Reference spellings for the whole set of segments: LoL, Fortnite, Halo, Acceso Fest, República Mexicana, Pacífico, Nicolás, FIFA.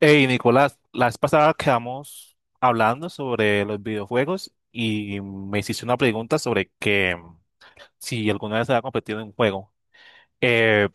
Hey, Nicolás, la vez pasada quedamos hablando sobre los videojuegos y me hiciste una pregunta sobre si alguna vez había competido en un juego. Eh,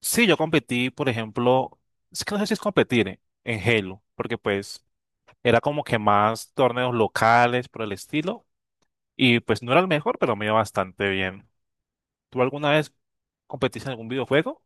sí, yo competí, por ejemplo, es que no sé si es competir en Halo, porque pues era como que más torneos locales por el estilo y pues no era el mejor, pero me iba bastante bien. ¿Tú alguna vez competiste en algún videojuego?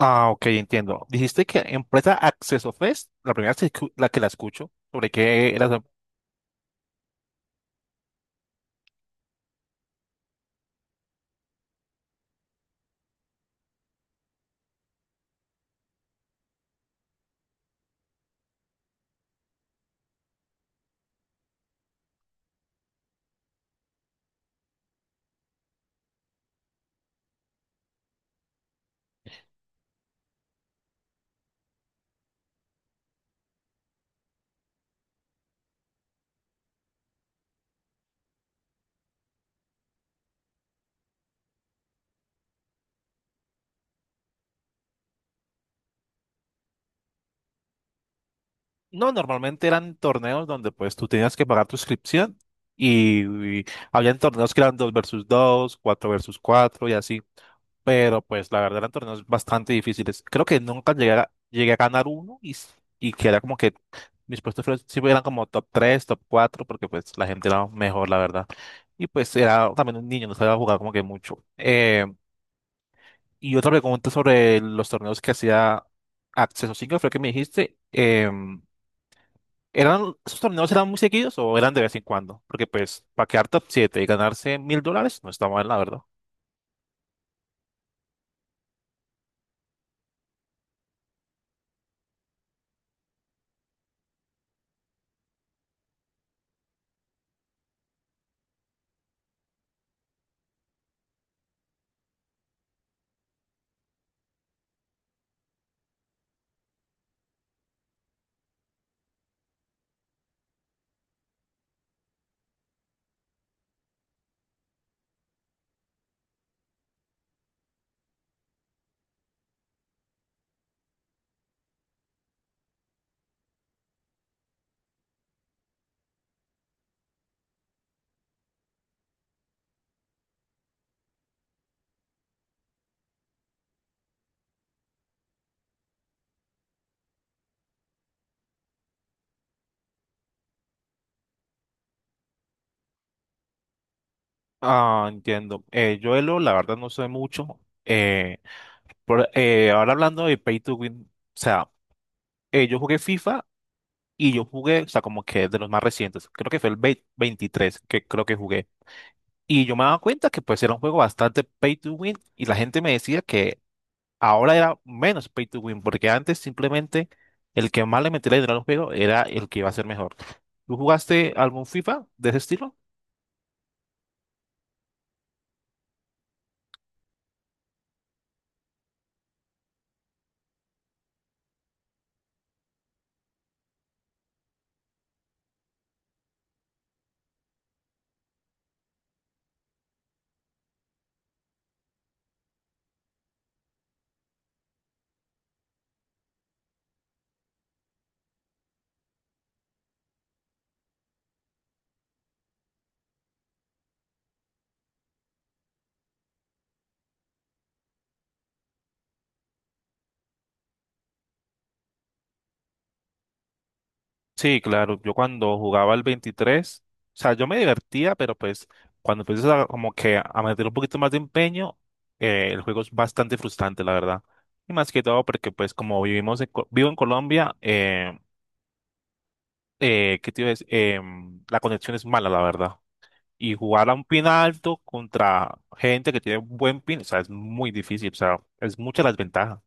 Ah, ok, entiendo. Dijiste que empresa Acceso Fest, la primera vez que la que la escucho, sobre qué era. No, normalmente eran torneos donde pues tú tenías que pagar tu inscripción y habían torneos que eran 2 versus 2, 4 versus 4 y así. Pero pues la verdad eran torneos bastante difíciles. Creo que nunca llegué a ganar uno y que era como que mis siempre eran como top 3, top 4 porque pues la gente era mejor, la verdad. Y pues era también un niño, no sabía jugar como que mucho. Y otra pregunta sobre los torneos que hacía Acceso 5 fue que me dijiste. ¿Eran, esos torneos eran muy seguidos o eran de vez en cuando? Porque pues para quedar top 7 y ganarse mil dólares no está mal, la verdad. Ah, entiendo. Yo de LoL, la verdad no sé mucho. Eh, ahora hablando de Pay to Win, o sea, yo jugué FIFA y yo jugué, o sea, como que de los más recientes, creo que fue el 23 que creo que jugué. Y yo me daba cuenta que pues era un juego bastante Pay to Win y la gente me decía que ahora era menos pay to win, porque antes simplemente el que más le metiera dinero al juego era el que iba a ser mejor. ¿Tú jugaste algún FIFA de ese estilo? Sí, claro, yo cuando jugaba el 23, o sea, yo me divertía, pero pues cuando como que a meter un poquito más de empeño, el juego es bastante frustrante, la verdad. Y más que todo porque pues como vivo en Colombia, ¿qué te iba a decir? La conexión es mala, la verdad. Y jugar a un pin alto contra gente que tiene un buen pin, o sea, es muy difícil, o sea, es mucha la desventaja.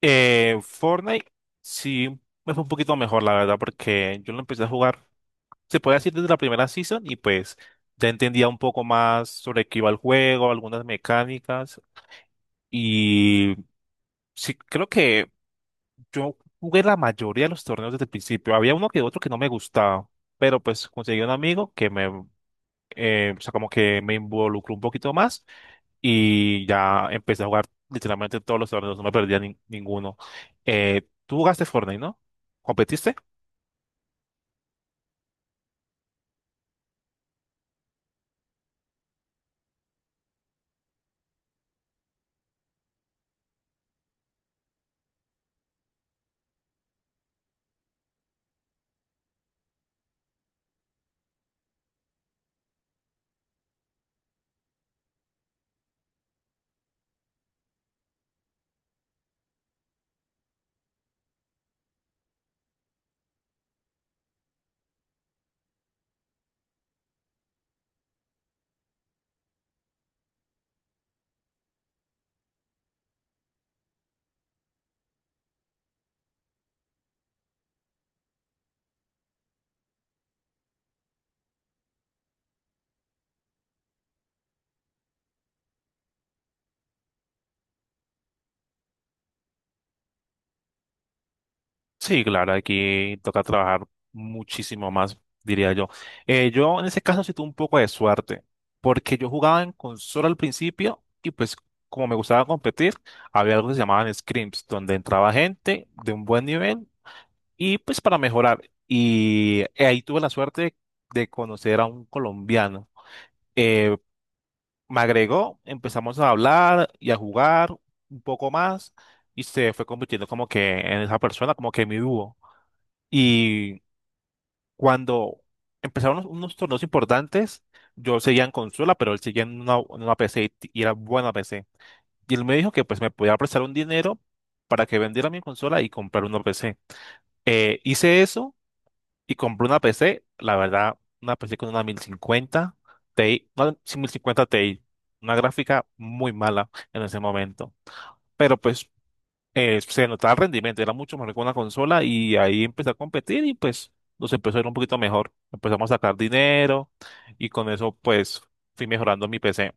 Fortnite sí me fue un poquito mejor, la verdad, porque yo lo empecé a jugar, se puede decir desde la primera season y pues ya entendía un poco más sobre qué iba el juego, algunas mecánicas y sí, creo que yo jugué la mayoría de los torneos desde el principio. Había uno que otro que no me gustaba, pero pues conseguí un amigo que o sea, como que me involucró un poquito más. Y ya empecé a jugar literalmente todos los torneos, no me perdía ninguno. ¿Tú jugaste Fortnite, no? ¿Competiste? Sí, claro, aquí toca trabajar muchísimo más, diría yo. Yo en ese caso sí tuve un poco de suerte, porque yo jugaba en consola al principio y pues como me gustaba competir, había algo que se llamaban scrims, donde entraba gente de un buen nivel y pues para mejorar. Y ahí tuve la suerte de conocer a un colombiano. Eh, me agregó, empezamos a hablar y a jugar un poco más y se fue convirtiendo como que en esa persona, como que mi dúo. Y cuando empezaron unos torneos importantes, yo seguía en consola, pero él seguía en en una PC y era buena PC. Y él me dijo que pues me podía prestar un dinero para que vendiera mi consola y comprar una PC. Hice eso y compré una PC, la verdad, una PC con una 1050 Ti, una 1050 Ti, una gráfica muy mala en ese momento, pero pues se notaba el rendimiento, era mucho mejor que una consola y ahí empecé a competir y pues nos empezó a ir un poquito mejor, empezamos a sacar dinero y con eso pues fui mejorando mi PC.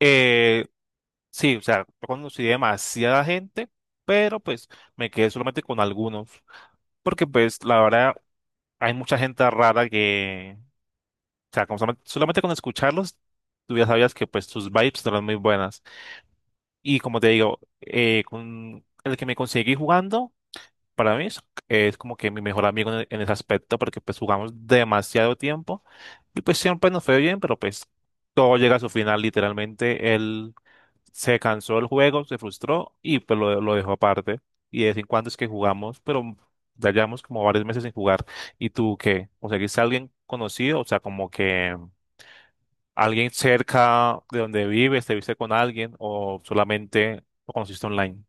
Eh, sí, o sea, yo conocí demasiada gente, pero pues me quedé solamente con algunos, porque pues la verdad hay mucha gente rara que... O sea, como solamente con escucharlos, tú ya sabías que pues sus vibes no eran muy buenas. Y como te digo, con el que me conseguí jugando, para mí es como que mi mejor amigo en ese aspecto, porque pues jugamos demasiado tiempo y pues siempre nos fue bien, pero pues todo llega a su final, literalmente. Él se cansó del juego, se frustró y pues lo dejó aparte. Y de vez en cuando es que jugamos, pero ya llevamos como varios meses sin jugar. ¿Y tú qué? ¿Conseguiste a alguien conocido? O sea, como que... ¿Alguien cerca de donde vives te viste con alguien o solamente lo conociste online?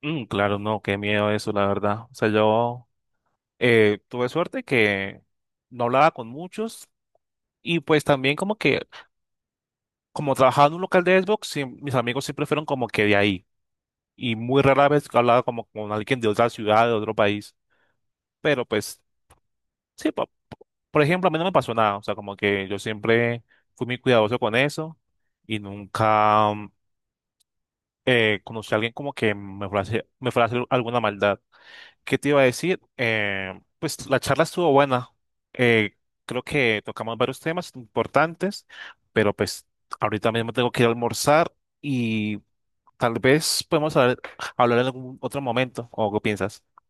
Mm, claro, no, qué miedo eso, la verdad. O sea, yo tuve suerte que no hablaba con muchos y pues también como que, como trabajaba en un local de Xbox, mis amigos siempre fueron como que de ahí y muy rara vez hablaba como con alguien de otra ciudad, de otro país. Pero pues, sí, por ejemplo, a mí no me pasó nada. O sea, como que yo siempre fui muy cuidadoso con eso y nunca... conocí a alguien como que me fue a hacer alguna maldad. ¿Qué te iba a decir? Pues la charla estuvo buena. Eh, creo que tocamos varios temas importantes, pero pues ahorita mismo tengo que ir a almorzar y tal vez podemos hablar en algún otro momento. ¿O qué piensas?